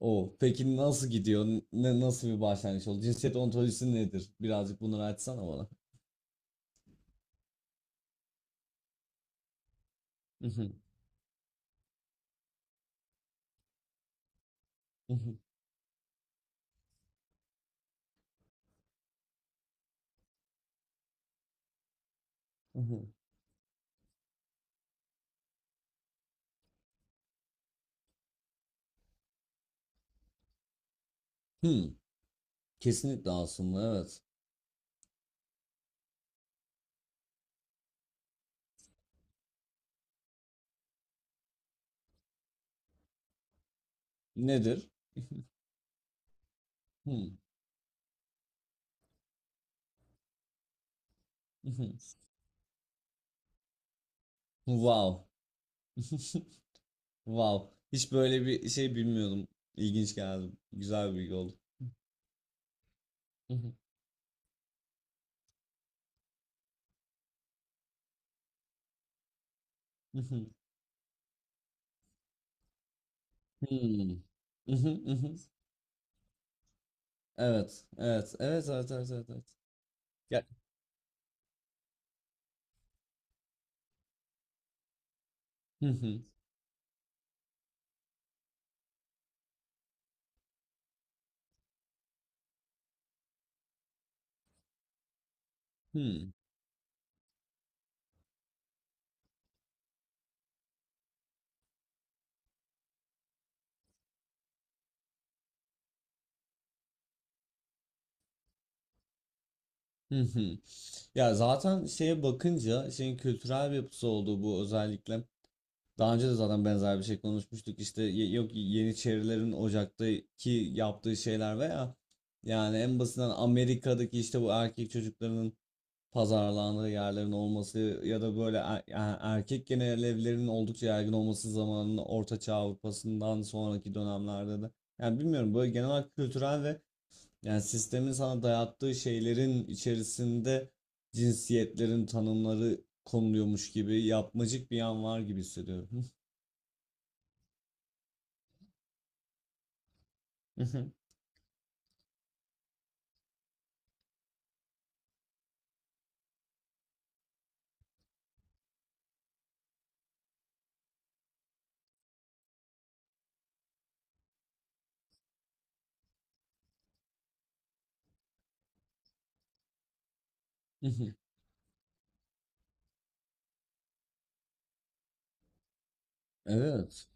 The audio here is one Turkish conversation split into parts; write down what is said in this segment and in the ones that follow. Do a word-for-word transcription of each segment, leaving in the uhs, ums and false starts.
O peki nasıl gidiyor? Ne nasıl bir başlangıç oldu? Cinsiyet ontolojisi nedir? Birazcık bunları açsana bana. Mhm, mhm, mhm. Hmm, kesinlikle aslında evet. Nedir? Hmm, mhm. Wow. Wow. Hiç böyle bir şey bilmiyordum. İlginç geldi. Güzel bir bilgi oldu. Mhm, mhm. Hmm. Mhm, mhm. Evet, evet, evet, evet, evet, evet, evet. Ya- Mhm, hmm. Hı hı. Ya zaten şeye bakınca şeyin kültürel bir yapısı olduğu, bu özellikle daha önce de zaten benzer bir şey konuşmuştuk, işte ye- yok, Yeniçerilerin Ocak'taki yaptığı şeyler veya yani en basitinden Amerika'daki işte bu erkek çocuklarının pazarlandığı yerlerin olması ya da böyle er- yani erkek genel evlerinin oldukça yaygın olması zamanının Orta Çağ Avrupa'sından sonraki dönemlerde de, yani bilmiyorum, böyle genel olarak kültürel ve yani sistemin sana dayattığı şeylerin içerisinde cinsiyetlerin tanımları konuluyormuş gibi yapmacık bir yan var gibi hissediyorum. Evet.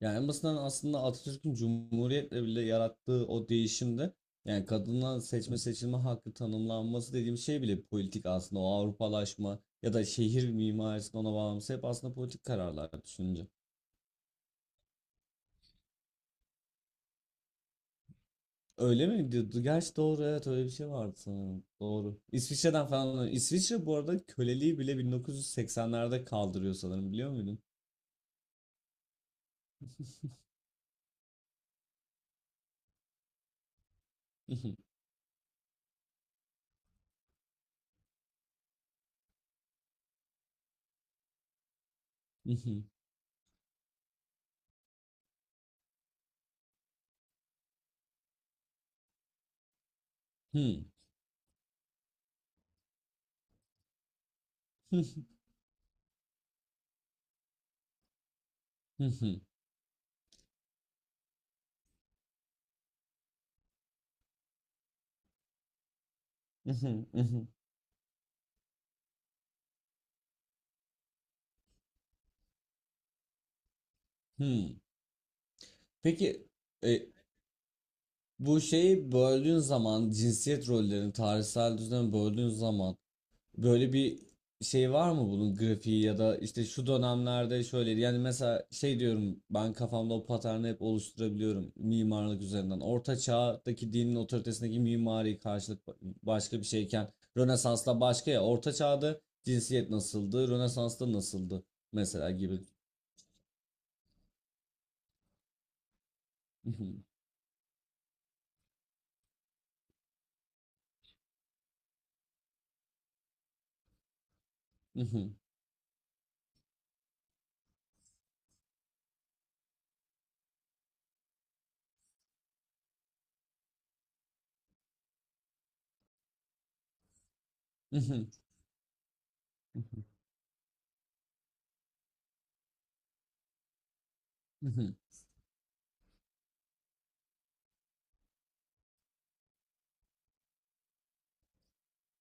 Yani en basitinden aslında Atatürk'ün Cumhuriyet'le bile yarattığı o değişimde, yani kadına seçme seçilme hakkı tanımlanması dediğim şey bile politik aslında, o Avrupalaşma ya da şehir mimarisinin ona bağlaması hep aslında politik kararlar düşününce. Öyle mi diyordu? Gerçi doğru, evet, öyle bir şey vardı sanırım. Doğru. İsviçre'den falan. İsviçre bu arada köleliği bile bin dokuz yüz seksenlerde kaldırıyor sanırım, biliyor muydun? Peki e, bu şeyi böldüğün zaman, cinsiyet rollerini tarihsel düzeni böldüğün zaman, böyle bir şey var mı, bunun grafiği ya da işte şu dönemlerde şöyle, yani mesela şey diyorum, ben kafamda o paterni hep oluşturabiliyorum mimarlık üzerinden. Orta çağdaki dinin otoritesindeki mimari karşılık ba- başka bir şeyken, Rönesansla başka. Ya Orta çağda cinsiyet nasıldı, Rönesans'ta nasıldı mesela gibi.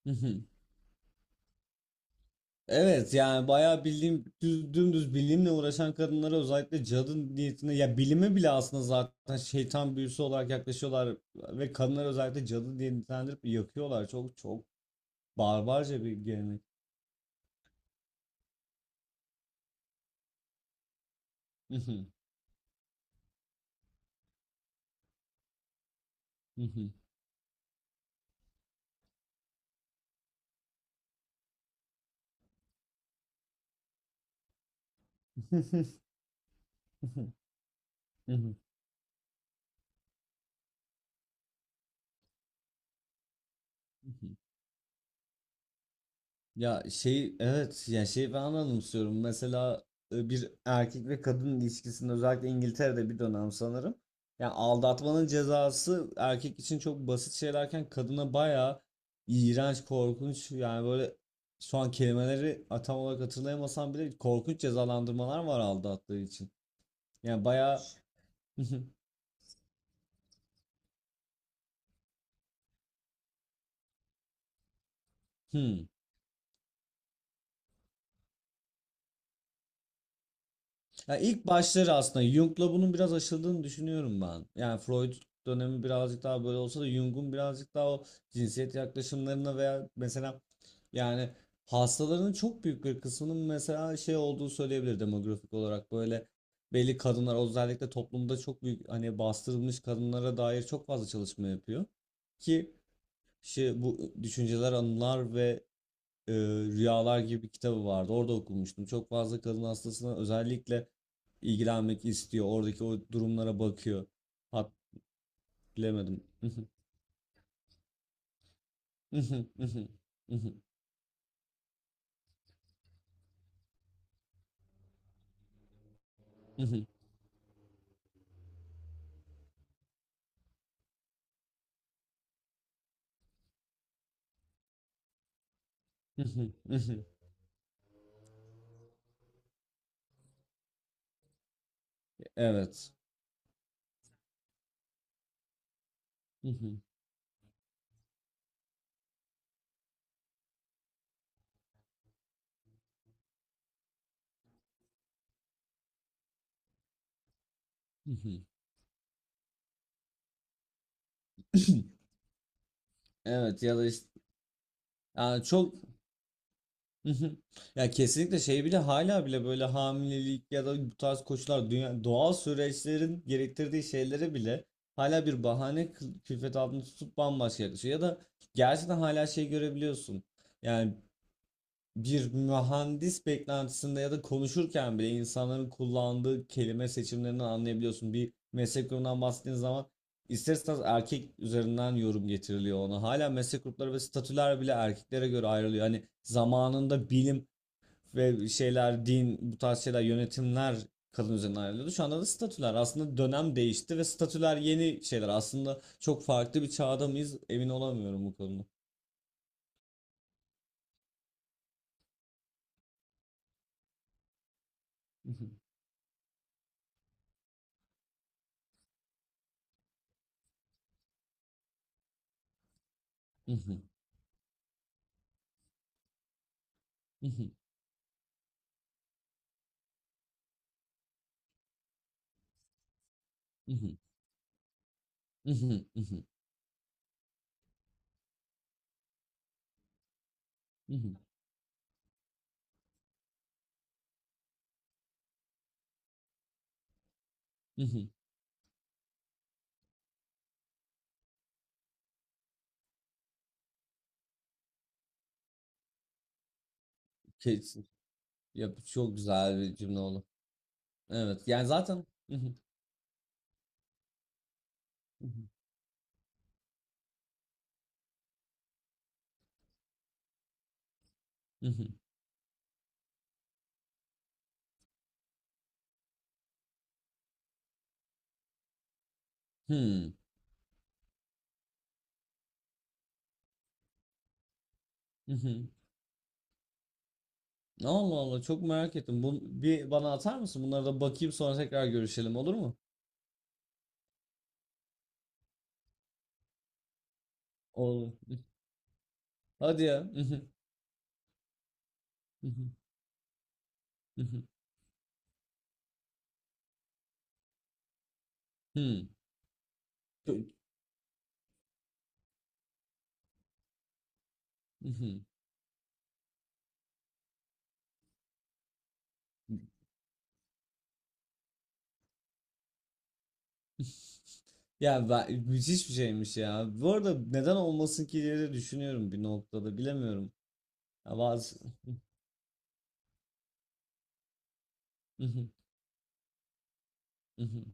Evet, yani bayağı bildiğim düz, dümdüz bilimle uğraşan kadınlara özellikle cadı niyetine, ya bilime bile aslında zaten şeytan büyüsü olarak yaklaşıyorlar ve kadınları özellikle cadı diye nitelendirip yakıyorlar. Çok çok barbarca bir gelenek. Ya şey, evet, yani şeyi ben anımsıyorum. Mesela e, bir erkek ve kadın ilişkisinde, özellikle İngiltere'de bir dönem sanırım. Yani aldatmanın cezası erkek için çok basit şeylerken, kadına bayağı iğrenç, korkunç, yani böyle, şu an kelimeleri tam olarak hatırlayamasam bile korkunç cezalandırmalar var aldattığı için. Yani bayağı hmm. Ya ilk başları aslında Jung'la bunun biraz aşıldığını düşünüyorum ben. Yani Freud dönemi birazcık daha böyle olsa da, Jung'un birazcık daha o cinsiyet yaklaşımlarına veya mesela yani hastalarının çok büyük bir kısmının mesela şey olduğu söyleyebilir, demografik olarak böyle belli kadınlar, özellikle toplumda çok büyük hani bastırılmış kadınlara dair çok fazla çalışma yapıyor ki şey, bu Düşünceler, Anılar ve e, Rüyalar gibi bir kitabı vardı. Orada okumuştum. Çok fazla kadın hastasına özellikle ilgilenmek istiyor. Oradaki o durumlara bakıyor. Hat bilemedim. Evet. Evet ya da işte, yani çok. Hı hı. Ya kesinlikle şey bile, hala bile böyle hamilelik ya da bu tarz koşullar, dünya doğal süreçlerin gerektirdiği şeylere bile hala bir bahane kıl- külfet altında tutup bambaşka yaklaşıyor. Ya da gerçekten hala şey görebiliyorsun. Yani bir mühendis beklentisinde ya da konuşurken bile insanların kullandığı kelime seçimlerinden anlayabiliyorsun. Bir meslek grubundan bahsettiğin zaman ister istemez erkek üzerinden yorum getiriliyor ona. Hala meslek grupları ve statüler bile erkeklere göre ayrılıyor. Hani zamanında bilim ve şeyler, din, bu tarz şeyler, yönetimler kadın üzerinden ayrılıyordu. Şu anda da statüler. Aslında dönem değişti ve statüler yeni şeyler. Aslında çok farklı bir çağda mıyız, emin olamıyorum bu konuda. Kesin. Ya, çok güzel bir cümle oldu. Evet. Yani zaten hmm. Allah Allah, çok merak ettim. Bu, bir bana atar mısın? Bunlara da bakayım, sonra tekrar görüşelim, olur mu? Olur. Hadi ya. Hmm. Bö hı hı. Ya, ben müthiş bir şeymiş ya. Bu arada neden olmasın ki diye de düşünüyorum bir noktada. Bilemiyorum. Ya bazı hı hı. Hı hı.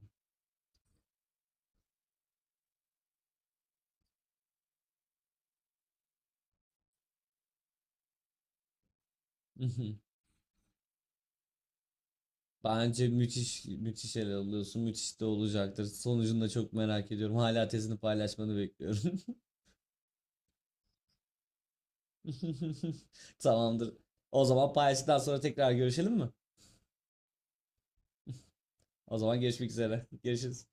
Bence müthiş müthiş ele alıyorsun. Müthiş de olacaktır. Sonucunu da çok merak ediyorum. Hala tezini paylaşmanı bekliyorum. Tamamdır. O zaman paylaştıktan sonra tekrar görüşelim mi? O zaman görüşmek üzere. Görüşürüz.